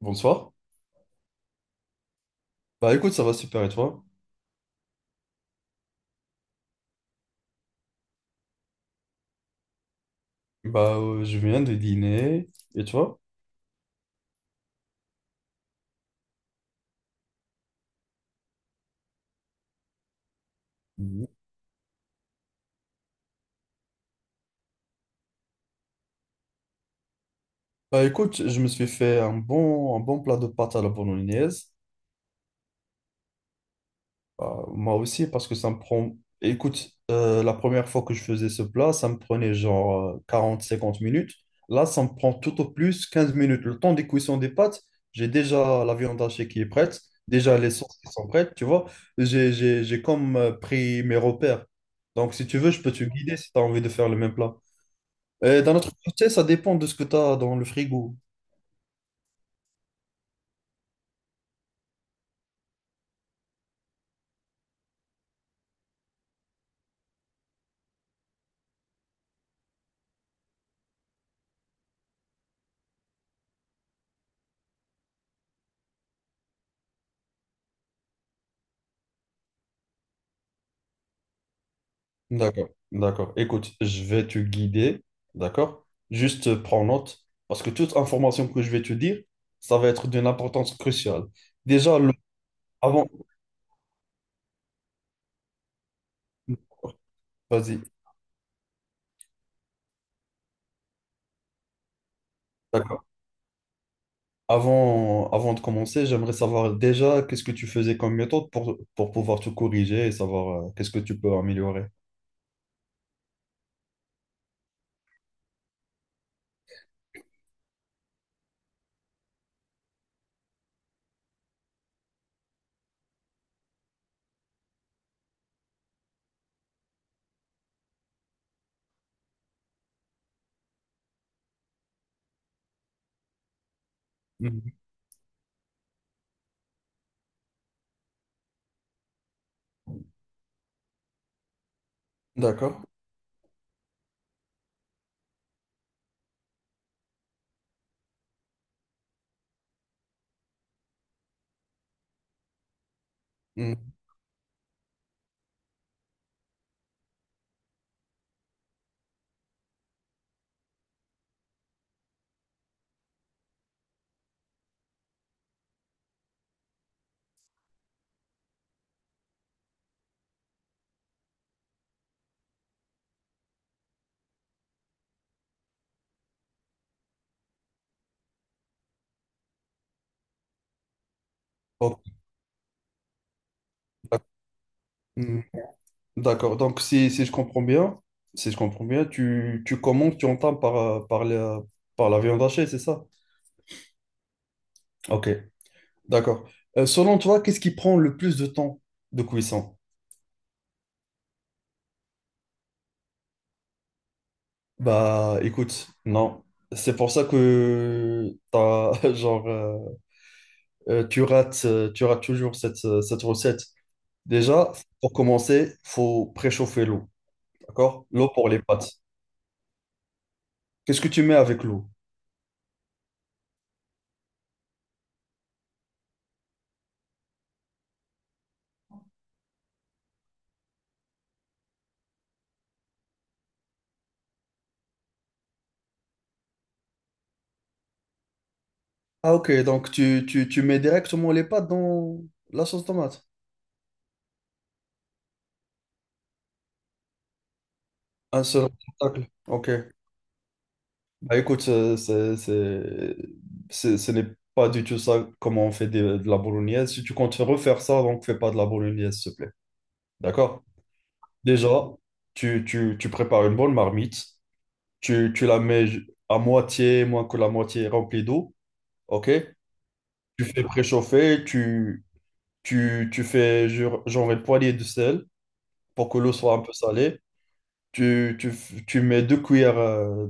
Bonsoir. Bah écoute, ça va super et toi? Bah je viens de dîner et toi? Mhm. Bah écoute, je me suis fait un bon plat de pâtes à la bolognaise. Bah, moi aussi parce que ça me prend. Écoute, la première fois que je faisais ce plat, ça me prenait genre 40 50 minutes. Là, ça me prend tout au plus 15 minutes. Le temps des cuissons des pâtes, j'ai déjà la viande hachée qui est prête, déjà les sauces qui sont prêtes, tu vois. J'ai comme pris mes repères. Donc si tu veux, je peux te guider si tu as envie de faire le même plat. D'un autre côté, ça dépend de ce que tu as dans le frigo. D'accord, d'accord. Écoute, je vais te guider, d'accord? Juste prends note, parce que toute information que je vais te dire, ça va être d'une importance cruciale. Déjà, avant, vas-y, d'accord. Avant de commencer, j'aimerais savoir déjà qu'est-ce que tu faisais comme méthode pour, pouvoir te corriger et savoir qu'est-ce que tu peux améliorer. Mhm. D'accord. Mhm. Ok. D'accord. Donc, si, si je comprends bien, si je comprends bien, tu commandes, tu entames par la viande hachée, c'est ça? Ok, d'accord. Selon toi, qu'est-ce qui prend le plus de temps de cuisson? Bah, écoute, non. C'est pour ça que t'as, genre, tu rates toujours cette recette. Déjà, pour commencer, faut préchauffer l'eau, d'accord? L'eau pour les pâtes. Qu'est-ce que tu mets avec l'eau? Ah, ok, donc tu mets directement les pâtes dans la sauce tomate. Un seul obstacle. Ok. Bah écoute, ce n'est pas du tout ça comment on fait de la bolognaise. Si tu comptes refaire ça, donc fais pas de la bolognaise, s'il te plaît. D'accord? Déjà, tu prépares une bonne marmite. Tu la mets à moitié, moins que la moitié remplie d'eau. Ok? Tu fais préchauffer. Tu fais genre une poignée de sel pour que l'eau soit un peu salée. Tu mets deux cuillères, euh,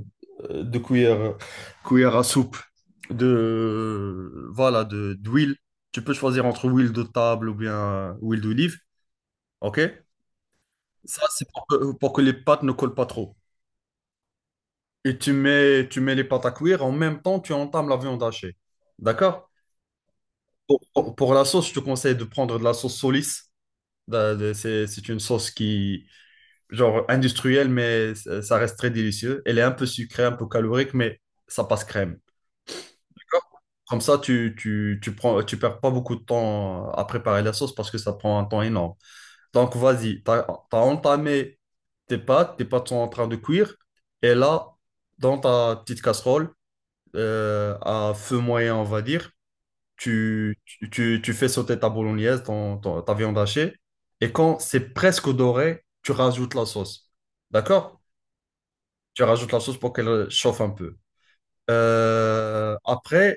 euh, deux cuillères, cuillères à soupe de, voilà, d'huile. Tu peux choisir entre huile de table ou bien huile d'olive. OK? Ça, c'est pour que les pâtes ne collent pas trop. Et tu mets les pâtes à cuire. En même temps, tu entames la viande hachée. D'accord? Pour la sauce, je te conseille de prendre de la sauce Solis. C'est une sauce qui, genre industrielle, mais ça reste très délicieux. Elle est un peu sucrée, un peu calorique, mais ça passe crème. D'accord. Comme ça, tu perds pas beaucoup de temps à préparer la sauce parce que ça prend un temps énorme. Donc, vas-y, tu as entamé tes pâtes, sont en train de cuire, et là, dans ta petite casserole, à feu moyen, on va dire, tu fais sauter ta bolognaise, ta viande hachée, et quand c'est presque doré, tu rajoutes la sauce. D'accord? Tu rajoutes la sauce pour qu'elle chauffe un peu. Après,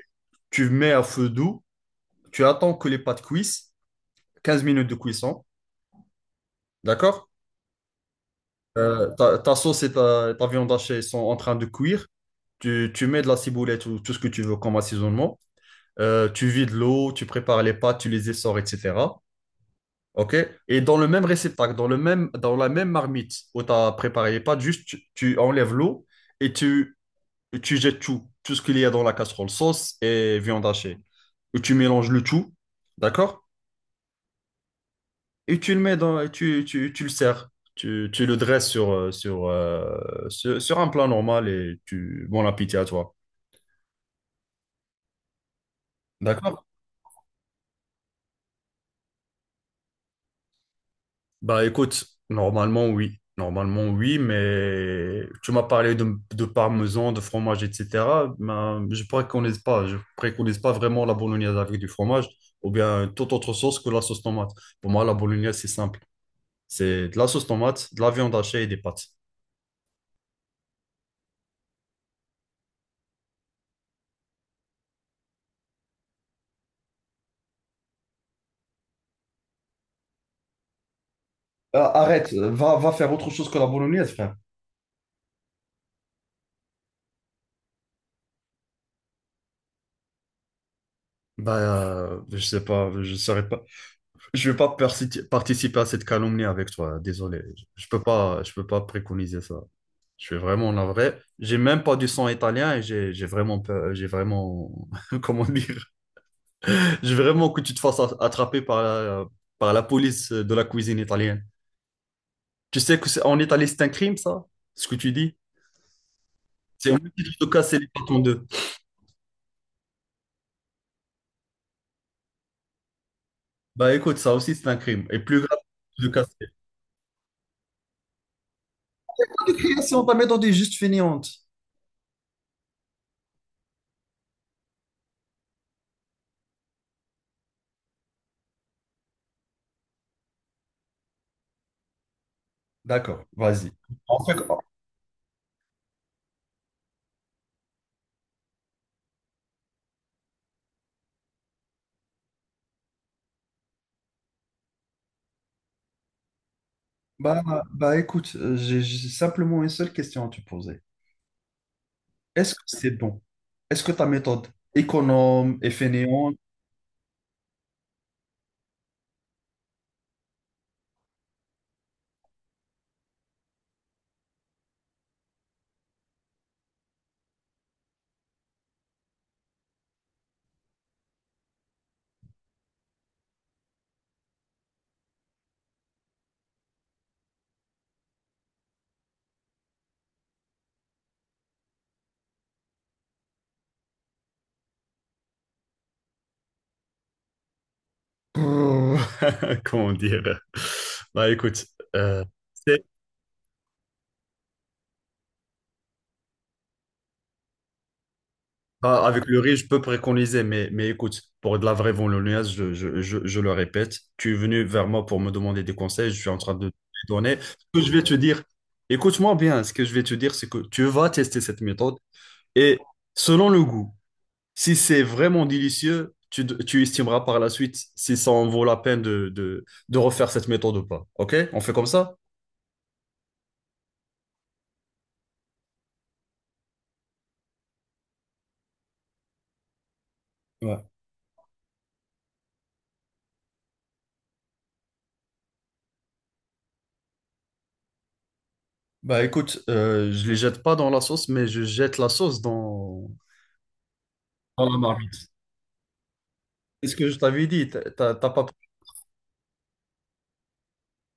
tu mets à feu doux. Tu attends que les pâtes cuissent. 15 minutes de cuisson. D'accord? Ta sauce et ta viande hachée sont en train de cuire. Tu mets de la ciboulette ou tout ce que tu veux comme assaisonnement. Tu vides l'eau, tu prépares les pâtes, tu les essores, etc. OK? Et dans le même réceptacle, dans la même marmite où tu as préparé les pâtes, juste tu enlèves l'eau et tu Et tu jettes tout ce qu'il y a dans la casserole, sauce et viande hachée. Et tu mélanges le tout, d'accord? Et tu le sers. Tu le dresses sur un plat normal et bon appétit à toi. D'accord? Bah écoute, normalement oui. Normalement oui, mais tu m'as parlé de, parmesan, de fromage, etc. Ben, je préconise pas vraiment la bolognaise avec du fromage ou bien toute autre sauce que la sauce tomate. Pour moi, la bolognaise, c'est simple. C'est de la sauce tomate, de la viande hachée et des pâtes. Arrête, va faire autre chose que la bolognaise, frère. Bah, je sais pas, je saurais pas. Je vais pas participer à cette calomnie avec toi, désolé. Je peux pas préconiser ça. Je suis vraiment navré. J'ai même pas du sang italien et j'ai vraiment peur, comment dire, j'ai vraiment que tu te fasses attraper par la, police de la cuisine italienne. Tu sais que c'est, en Italie, c'est un crime, ça, ce que tu dis. C'est au même titre de casser les pâtes en deux. Bah écoute, ça aussi c'est un crime. Et plus grave de casser. Pas de création, pas mettre dans des juste fainéantes. D'accord, vas-y. En fait, oh, Bah, bah écoute, j'ai simplement une seule question à te poser. Est-ce que c'est bon? Est-ce que ta méthode économe et fainéante, brrr, comment dire? Bah écoute, euh, c'est. Ah, avec le riz, je peux préconiser, mais, écoute, pour de la vraie bolognaise, je le répète, tu es venu vers moi pour me demander des conseils, je suis en train de te les donner. Ce que je vais te dire, écoute-moi bien, ce que je vais te dire, c'est que tu vas tester cette méthode et selon le goût, si c'est vraiment délicieux, tu estimeras par la suite si ça en vaut la peine de, refaire cette méthode ou pas. OK? On fait comme ça? Ouais. Bah écoute, je les jette pas dans la sauce, mais je jette la sauce dans la marmite. C'est ce que je t'avais dit, t'as pas.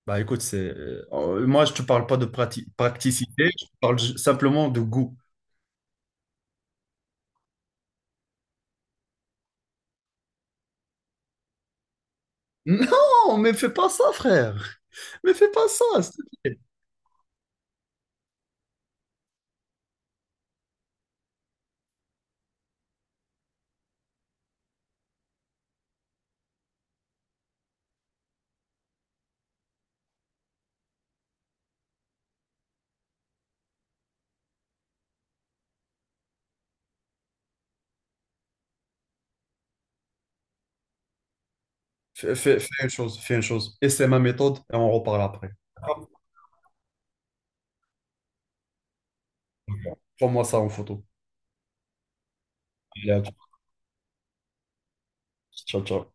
Bah écoute, c'est moi je te parle pas de practicité, je te parle simplement de goût. Non, mais fais pas ça, frère. Mais fais pas ça, s'il te plaît. Fais une chose, fais une chose. Et c'est ma méthode et on reparle après. Prends-moi ça en photo. Allez, à tout. Ciao, ciao.